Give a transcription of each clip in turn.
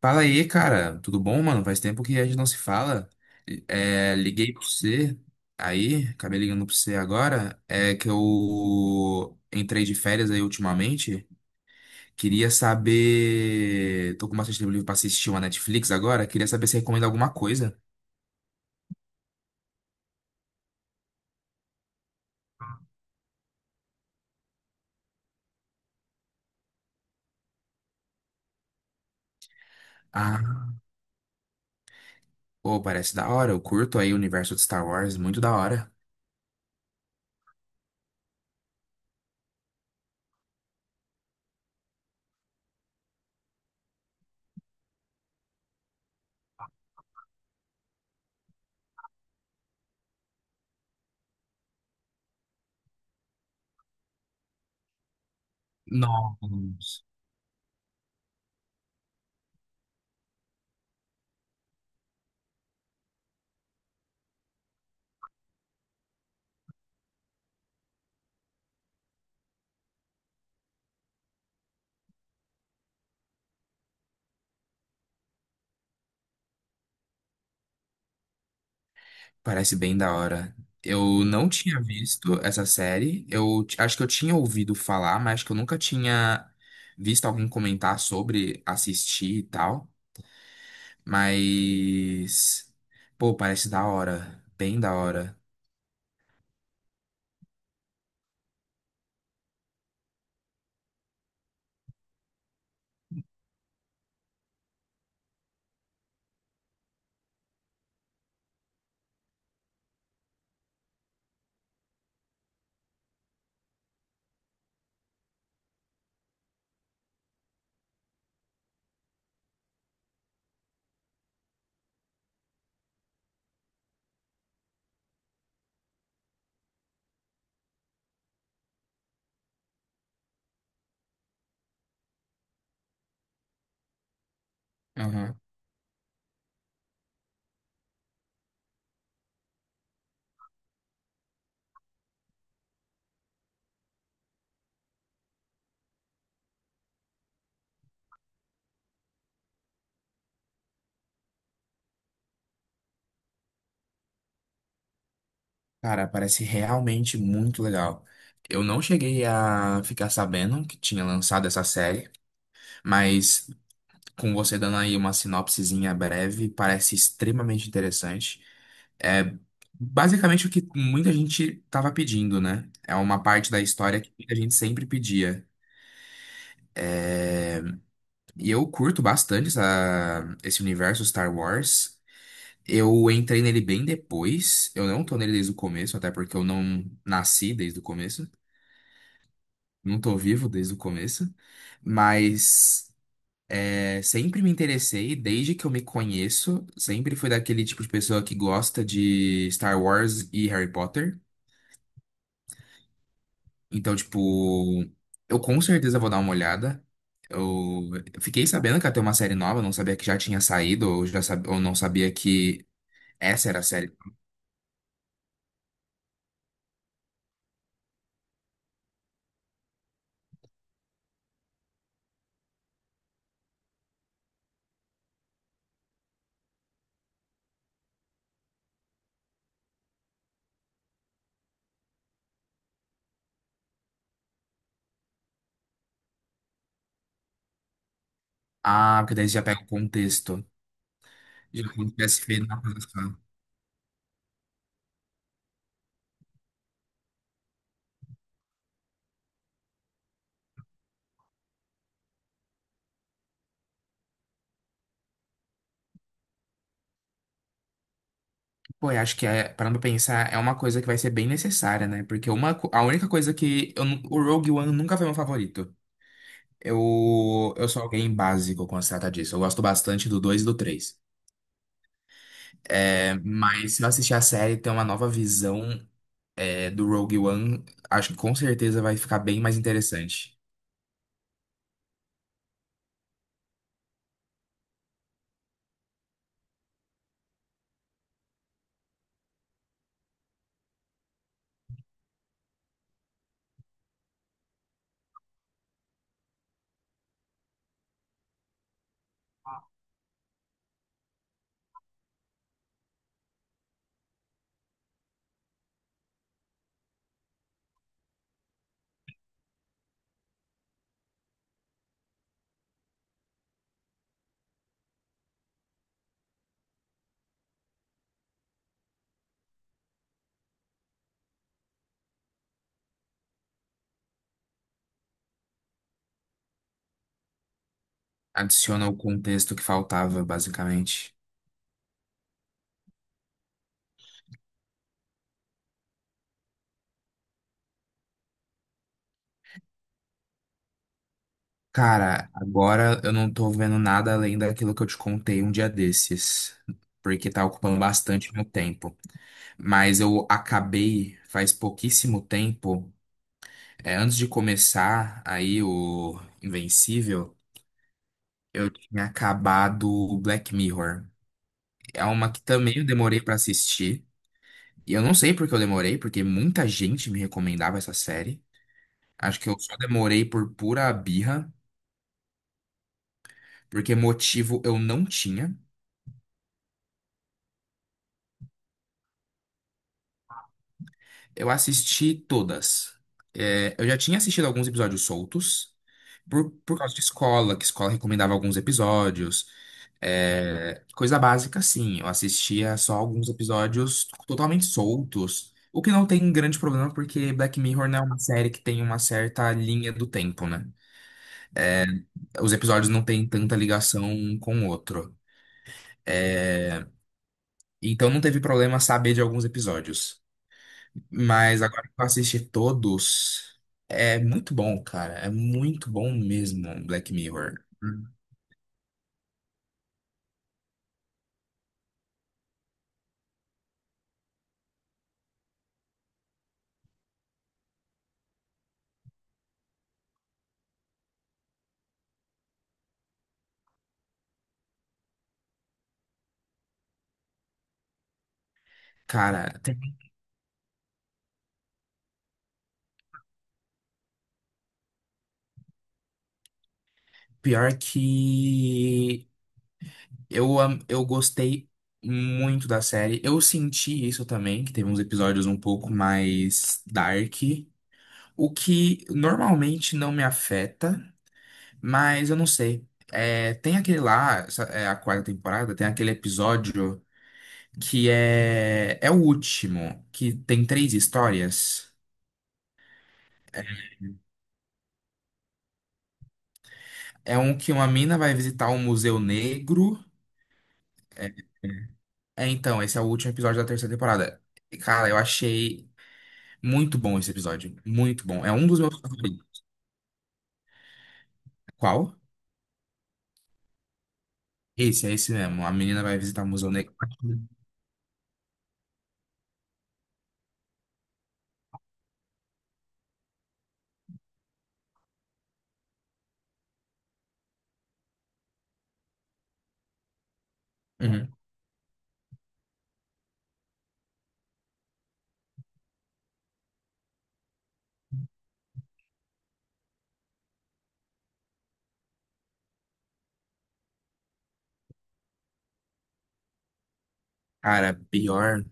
Fala aí, cara. Tudo bom, mano? Faz tempo que a gente não se fala. É, liguei pra você aí, acabei ligando pra você agora. É que eu entrei de férias aí ultimamente. Queria saber. Tô com bastante tempo livre pra assistir uma Netflix agora. Queria saber se recomenda alguma coisa. Ah, pô, parece da hora. Eu curto aí o universo de Star Wars, muito da hora. Nossa. Parece bem da hora. Eu não tinha visto essa série. Acho que eu tinha ouvido falar, mas acho que eu nunca tinha visto alguém comentar sobre assistir e tal. Mas, pô, parece da hora. Bem da hora. Aham. Cara, parece realmente muito legal. Eu não cheguei a ficar sabendo que tinha lançado essa série, mas com você dando aí uma sinopsezinha breve, parece extremamente interessante. É, basicamente o que muita gente tava pedindo, né? É uma parte da história que muita gente sempre pedia. E eu curto bastante esse universo Star Wars. Eu entrei nele bem depois. Eu não tô nele desde o começo, até porque eu não nasci desde o começo. Não tô vivo desde o começo. Mas é, sempre me interessei, desde que eu me conheço. Sempre fui daquele tipo de pessoa que gosta de Star Wars e Harry Potter. Então, tipo, eu com certeza vou dar uma olhada. Eu fiquei sabendo que ia ter uma série nova, não sabia que já tinha saído, ou, ou não sabia que essa era a série. Ah, porque daí você já pega o contexto. Já como se tivesse feito na produção. Pô, eu acho que, é, parando pra pensar, é uma coisa que vai ser bem necessária, né? Porque a única coisa que. O Rogue One nunca foi meu favorito. Eu sou alguém básico quando se trata disso. Eu gosto bastante do 2 e do três. É, mas se eu assistir a série, ter uma nova visão. É, do Rogue One, acho que com certeza vai ficar bem mais interessante. Adiciona o contexto que faltava, basicamente. Cara, agora eu não tô vendo nada além daquilo que eu te contei um dia desses, porque tá ocupando bastante meu tempo. Mas eu acabei faz pouquíssimo tempo, é, antes de começar aí o Invencível, eu tinha acabado o Black Mirror. É uma que também eu demorei pra assistir. E eu não sei porque eu demorei, porque muita gente me recomendava essa série. Acho que eu só demorei por pura birra, porque motivo eu não tinha. Eu assisti todas. É, eu já tinha assistido alguns episódios soltos, por causa de escola, que escola recomendava alguns episódios. É, coisa básica, sim. Eu assistia só alguns episódios totalmente soltos. O que não tem grande problema, porque Black Mirror não é uma série que tem uma certa linha do tempo, né? Os episódios não têm tanta ligação um com o outro. Então não teve problema saber de alguns episódios. Mas agora que eu assisti todos, é muito bom, cara. É muito bom mesmo, Black Mirror. Cara, tem- Pior que eu gostei muito da série. Eu senti isso também, que teve uns episódios um pouco mais dark, o que normalmente não me afeta. Mas eu não sei. É, tem aquele lá, é a quarta temporada, tem aquele episódio que é, é o último, que tem três histórias. É um que uma mina vai visitar um museu negro. É, é, então, esse é o último episódio da terceira temporada. E, cara, eu achei muito bom esse episódio. Muito bom. É um dos meus favoritos. Qual? Esse, é esse mesmo. A menina vai visitar o Museu Negro. Uhum. Cara, pior.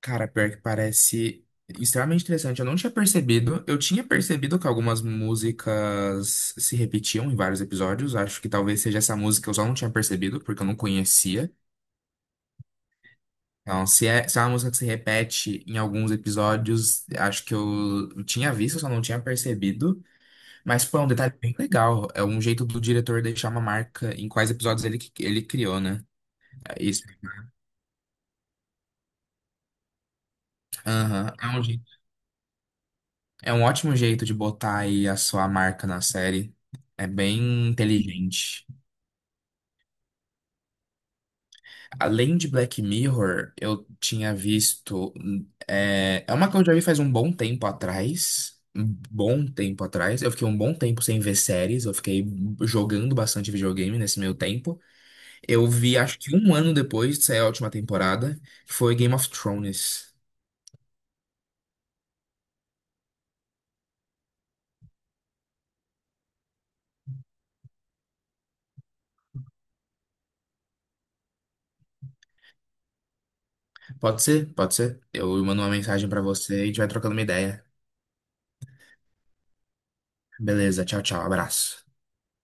Cara, pior que parece extremamente interessante. Eu não tinha percebido. Eu tinha percebido que algumas músicas se repetiam em vários episódios. Acho que talvez seja essa música que eu só não tinha percebido, porque eu não conhecia. Então, se é, se é uma música que se repete em alguns episódios, acho que eu tinha visto, só não tinha percebido. Mas foi um detalhe bem legal. É um jeito do diretor deixar uma marca em quais episódios ele criou, né? É isso. Aham. É um jeito. É um ótimo jeito de botar aí a sua marca na série. É bem inteligente. Além de Black Mirror, eu tinha visto. É, é uma que eu já vi faz um bom tempo atrás. Um bom tempo atrás. Eu fiquei um bom tempo sem ver séries. Eu fiquei jogando bastante videogame nesse meio tempo. Eu vi, acho que um ano depois de sair a última temporada, que foi Game of Thrones. Pode ser? Pode ser? Eu mando uma mensagem pra você e a gente vai trocando uma ideia. Beleza, tchau, tchau, abraço.